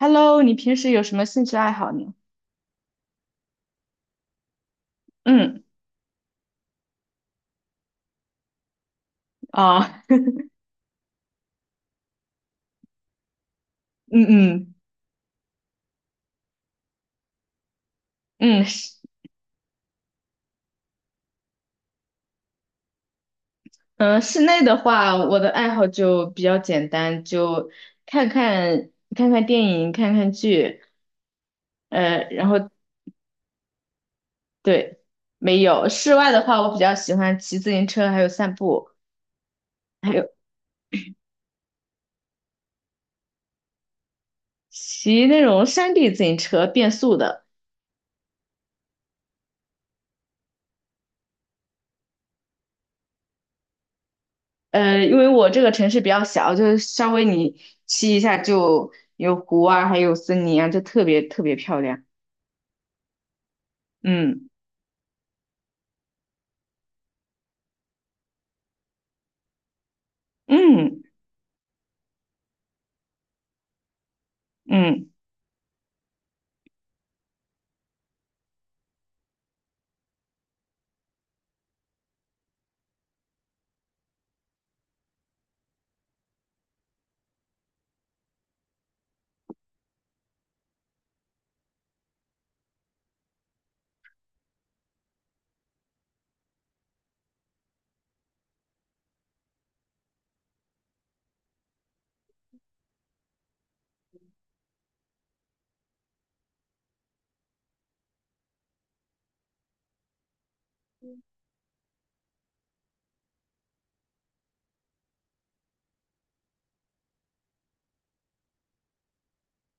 Hello,你平时有什么兴趣爱好呢？嗯。啊。嗯嗯。嗯，室嗯，室内的话，我的爱好就比较简单，就看看电影，看看剧，呃，然后对，没有。室外的话，我比较喜欢骑自行车，还有散步，还有骑那种山地自行车，变速的。因为我这个城市比较小，就是稍微你骑一下就有湖啊，还有森林啊，就特别特别漂亮。嗯。嗯嗯。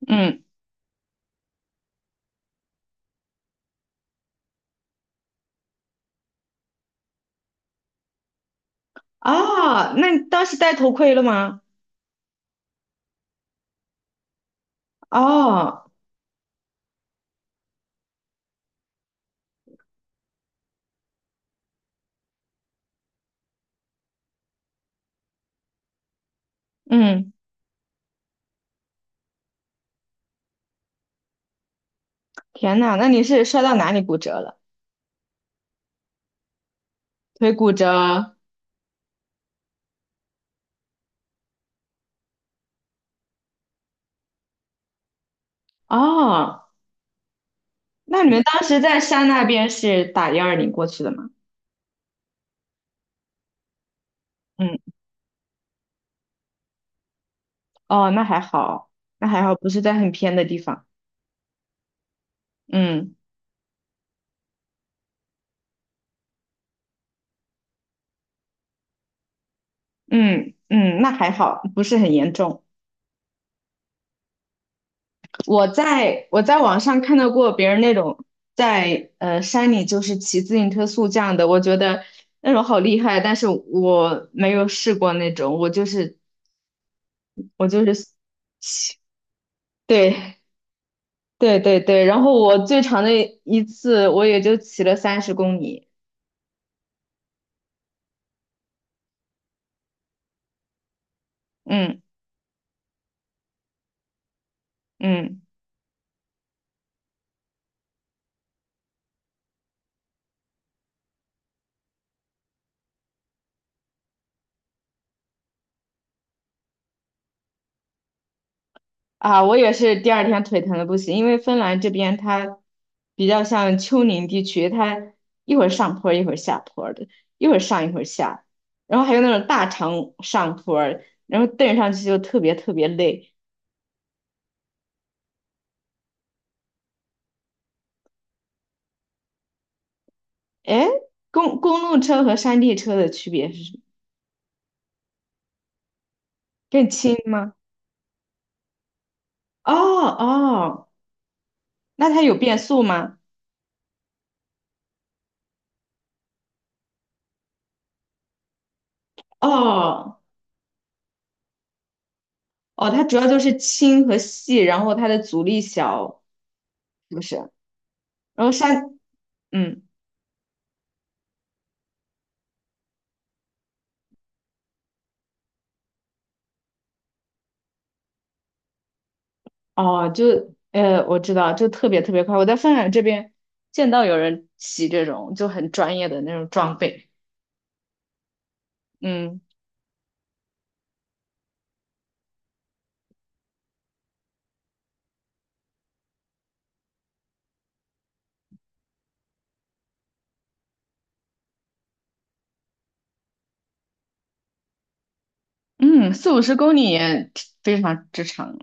嗯。哦，那你当时戴头盔了吗？哦。嗯。天呐，那你是摔到哪里骨折了？腿骨折。哦，那你们当时在山那边是打120过去的吗？嗯。哦，那还好。那还好，不是在很偏的地方。嗯嗯。嗯，那还好，不是很严重。我在网上看到过别人那种在山里就是骑自行车速降的，我觉得那种好厉害，但是我没有试过那种，我就是骑，对对对对，然后我最长的一次我也就骑了三十公里。嗯嗯。啊，我也是第二天腿疼的不行，因为芬兰这边它比较像丘陵地区，它一会儿上坡儿一会儿下坡儿的，一会儿上一会儿下，然后还有那种大长上坡儿然后蹬上去就特别特别累。哎，公路车和山地车的区别是什么？更轻吗？哦。哦，那它有变速吗？哦。哦，它主要就是轻和细，然后它的阻力小，是不是？然后山，嗯。哦，我知道，就特别特别快。我在饭馆这边见到有人骑这种就很专业的那种装备。嗯嗯，40到50公里也非常之长。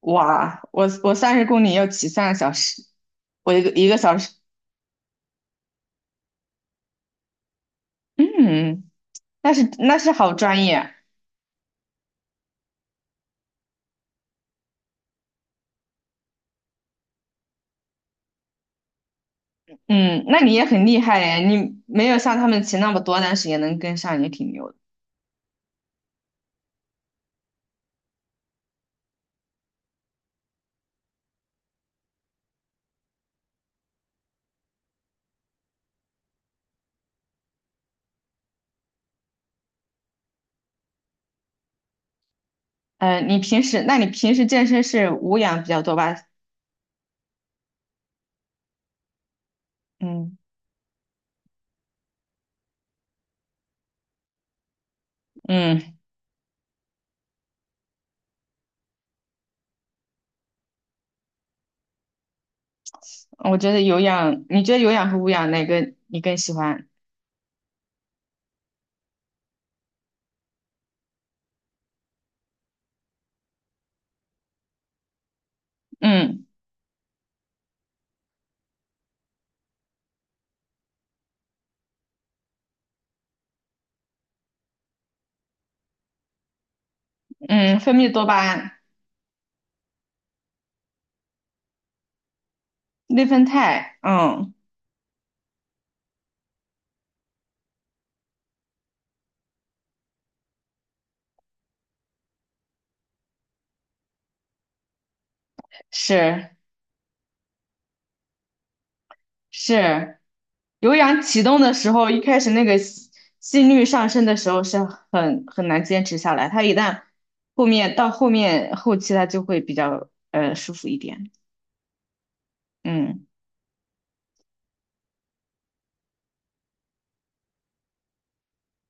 哇，我我三十公里要骑3个小时，我一个一个小时。嗯，那是那是好专业。嗯，那你也很厉害耶，你没有像他们骑那么多，但是也能跟上，也挺牛的。你平时健身是无氧比较多吧？嗯嗯。我觉得有氧，你觉得有氧和无氧哪个你更喜欢？嗯嗯，分泌多巴胺、内啡肽，嗯。是是，有氧启动的时候，一开始那个心率上升的时候是很难坚持下来，它一旦后面到后面后期它就会比较舒服一点。嗯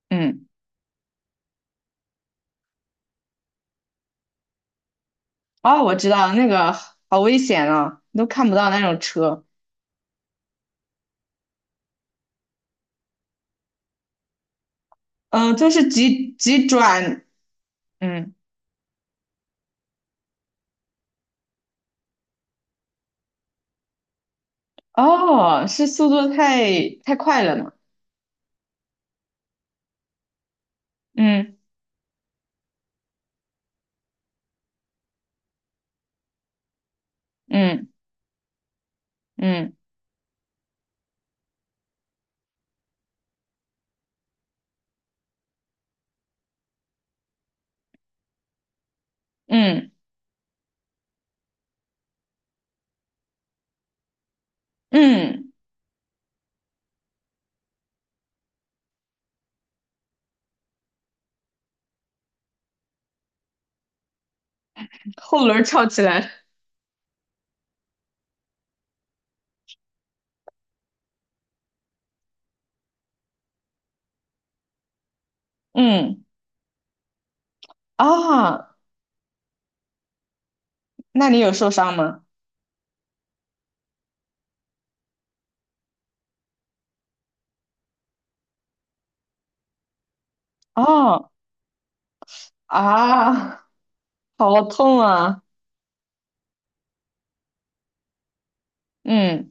嗯。哦，我知道那个好危险啊，你都看不到那种车。嗯，就是急转，嗯。哦，是速度太快了嘛？嗯嗯嗯嗯嗯，后轮儿翘起来了。嗯。啊，那你有受伤吗？哦。啊，好痛啊！嗯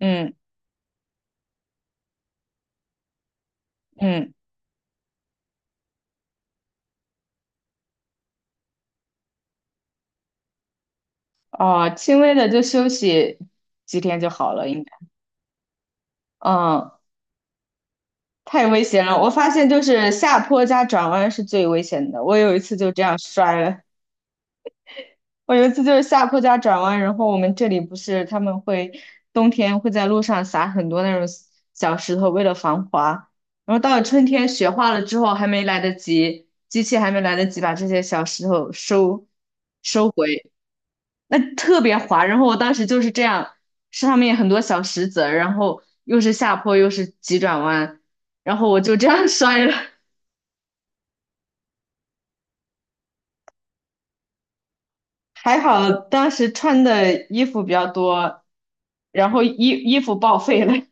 嗯。嗯，哦，轻微的就休息几天就好了，应该。嗯，太危险了，我发现就是下坡加转弯是最危险的，我有一次就这样摔了。我有一次就是下坡加转弯，然后我们这里不是他们会冬天会在路上撒很多那种小石头，为了防滑。然后到了春天雪化了之后，还没来得及，机器还没来得及把这些小石头收回，那特别滑。然后我当时就是这样，上面很多小石子儿，然后又是下坡又是急转弯，然后我就这样 摔了。还好当时穿的衣服比较多，然后衣服报废了。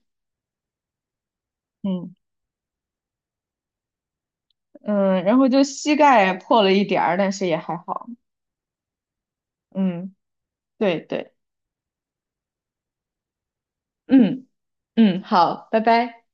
嗯。嗯，然后就膝盖破了一点儿，但是也还好。嗯，对对。嗯嗯，好，拜拜。